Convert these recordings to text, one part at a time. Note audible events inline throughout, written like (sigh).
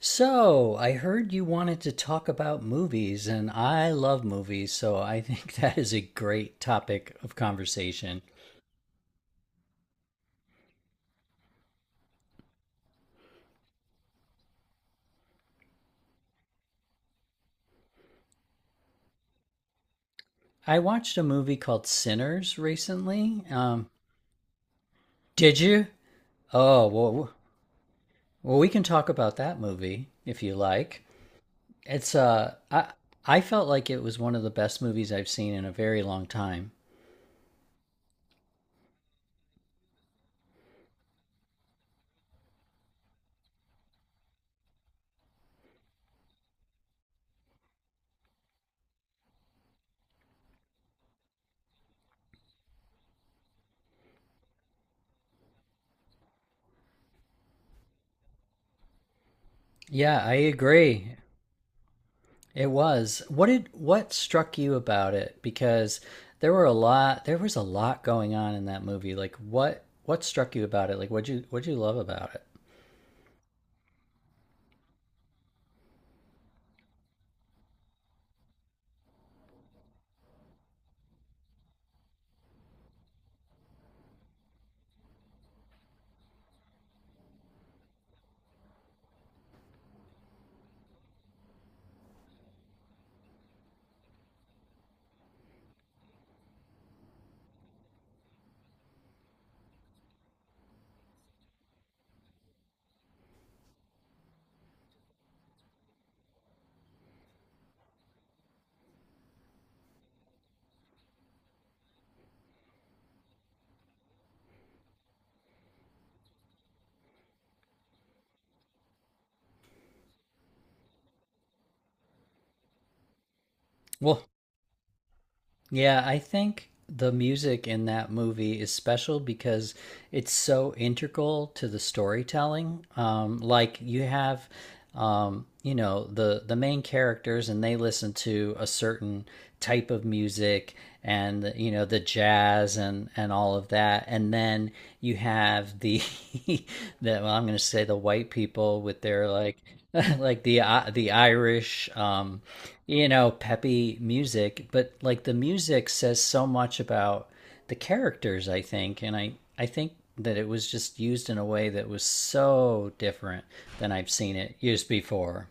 So, I heard you wanted to talk about movies, and I love movies, so I (laughs) think that is a great topic of conversation. I watched a movie called Sinners recently. Did you? Oh, well, we can talk about that movie if you like. It's, I felt like it was one of the best movies I've seen in a very long time. Yeah, I agree. It was. What struck you about it? Because there was a lot going on in that movie. Like what struck you about it? Like what you love about it? Well, Yeah, I think the music in that movie is special because it's so integral to the storytelling. Like you have, you know, the main characters, and they listen to a certain type of music, and you know the jazz and all of that, and then you have the (laughs) the, I'm going to say the white people with their like (laughs) like the Irish, you know, peppy music, but like the music says so much about the characters, I think, and I think that it was just used in a way that was so different than I've seen it used before.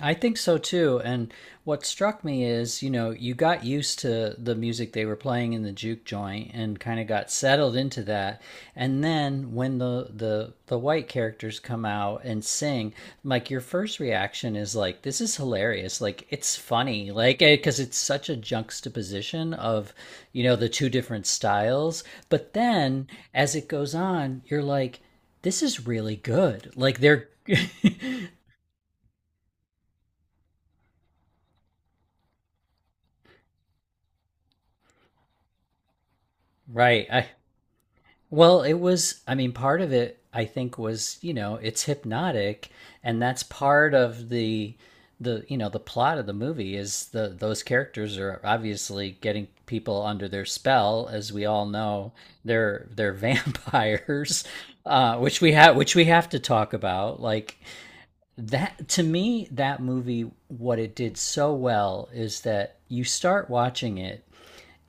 I think so too. And what struck me is, you know, you got used to the music they were playing in the juke joint and kind of got settled into that. And then when the white characters come out and sing, like your first reaction is like, this is hilarious. Like it's funny. Like because it's such a juxtaposition of, you know, the two different styles. But then as it goes on, you're like, this is really good. Like they're (laughs) Right. I Well, it was, I mean, part of it, I think, was, you know, it's hypnotic, and that's part of the you know the plot of the movie is the those characters are obviously getting people under their spell as we all know they're (laughs) vampires which we have to talk about like that to me, that movie, what it did so well is that you start watching it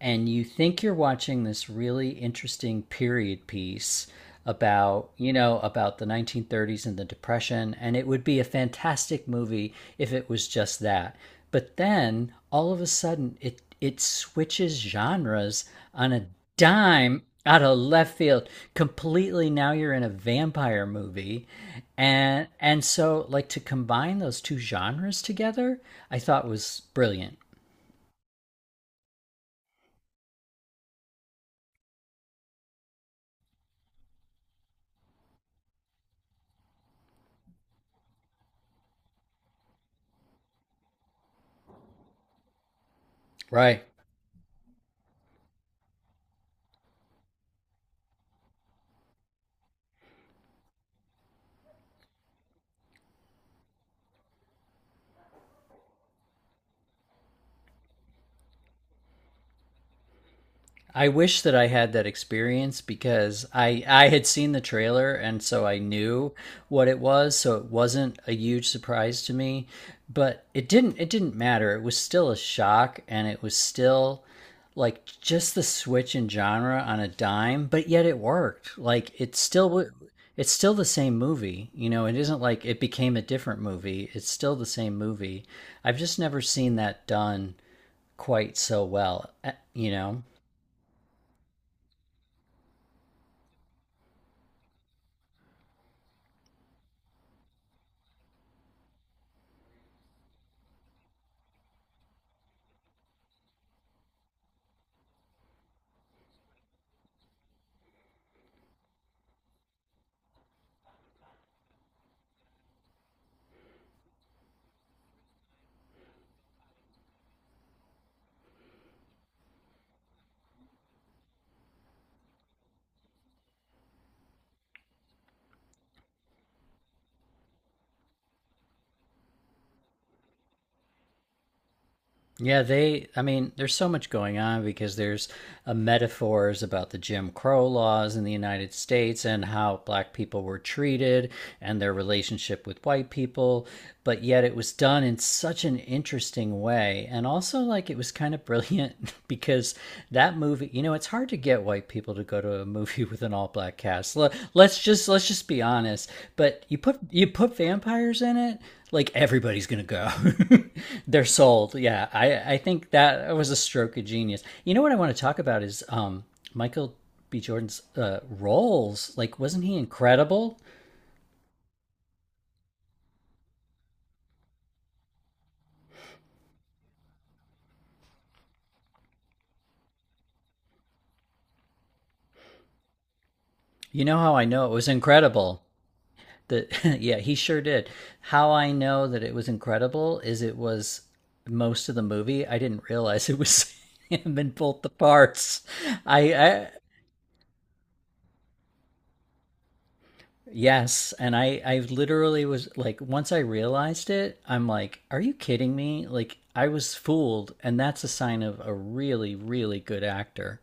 and you think you're watching this really interesting period piece about, you know, about the 1930s and the depression, and it would be a fantastic movie if it was just that, but then all of a sudden it switches genres on a dime out of left field, completely now you're in a vampire movie, and so like to combine those two genres together, I thought was brilliant. Right. I wish that I had that experience because I had seen the trailer and so I knew what it was, so it wasn't a huge surprise to me, but it didn't matter. It was still a shock, and it was still like just the switch in genre on a dime, but yet it worked. Like it's still the same movie, you know, it isn't like it became a different movie. It's still the same movie. I've just never seen that done quite so well, eh, you know. Yeah, they, I mean, there's so much going on because there's metaphors about the Jim Crow laws in the United States and how black people were treated and their relationship with white people. But yet it was done in such an interesting way. And also, like, it was kind of brilliant (laughs) because that movie, you know, it's hard to get white people to go to a movie (laughs) with an all black cast. Let's just be honest. But you put vampires in it, like everybody's gonna go. (laughs) They're sold. Yeah, I think that was a stroke of genius. You know what I want to talk about is Michael B. Jordan's roles. Like, wasn't he incredible? You know how I know it was incredible. That (laughs) yeah, he sure did. How I know that it was incredible is it was most of the movie. I didn't realize it was (laughs) him in both the parts. I Yes, and I literally was like once I realized it, I'm like, are you kidding me? Like I was fooled, and that's a sign of a really really good actor.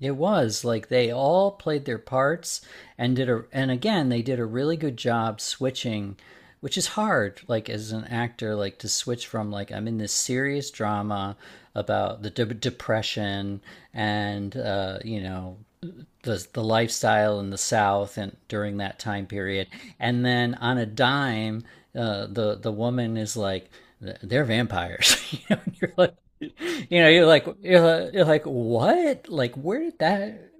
It was like they all played their parts and did a and again they did a really good job switching, which is hard like as an actor like to switch from like I'm in this serious drama about the depression and you know the lifestyle in the South and during that time period, and then on a dime, the woman is like they're vampires. (laughs) You know, and you're like you know you're like you're like what like where did that.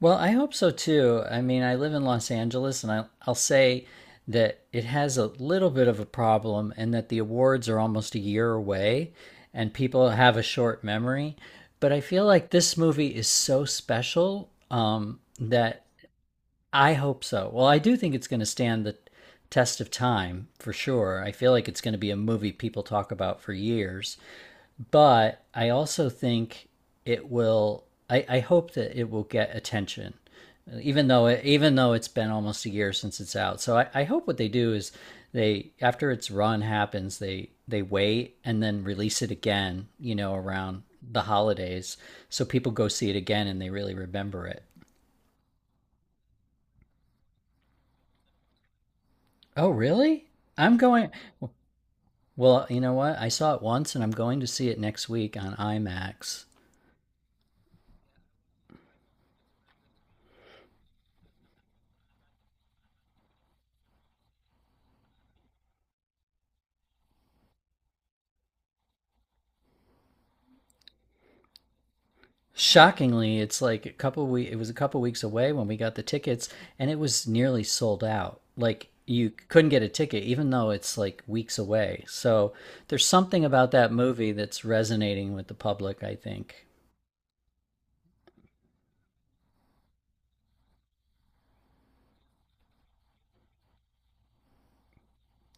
Well, I hope so too. I mean, I live in Los Angeles, and I'll say that it has a little bit of a problem and that the awards are almost a year away and people have a short memory, but I feel like this movie is so special, that I hope so. Well, I do think it's going to stand the test of time for sure. I feel like it's going to be a movie people talk about for years. But I also think it will. I hope that it will get attention, even though even though it's been almost a year since it's out. So I hope what they do is they, after its run happens, they wait and then release it again. You know, around the holidays, so people go see it again and they really remember it. Oh, really? I'm going. Well, you know what? I saw it once, and I'm going to see it next week on IMAX. Shockingly, it's like a couple we it was a couple weeks away when we got the tickets and it was nearly sold out. Like you couldn't get a ticket even though it's like weeks away. So there's something about that movie that's resonating with the public, I think.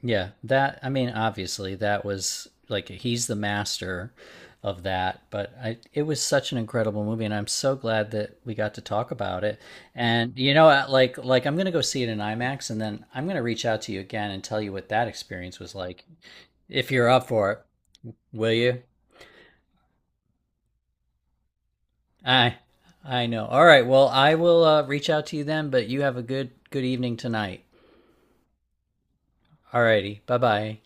Yeah, that, I mean, obviously that was like he's the master of that, but I, it was such an incredible movie and I'm so glad that we got to talk about it. And you know, like I'm going to go see it in IMAX and then I'm going to reach out to you again and tell you what that experience was like. If you're up for it, will you? I I know. All right, well, I will reach out to you then, but you have a good evening tonight. All righty. Bye-bye.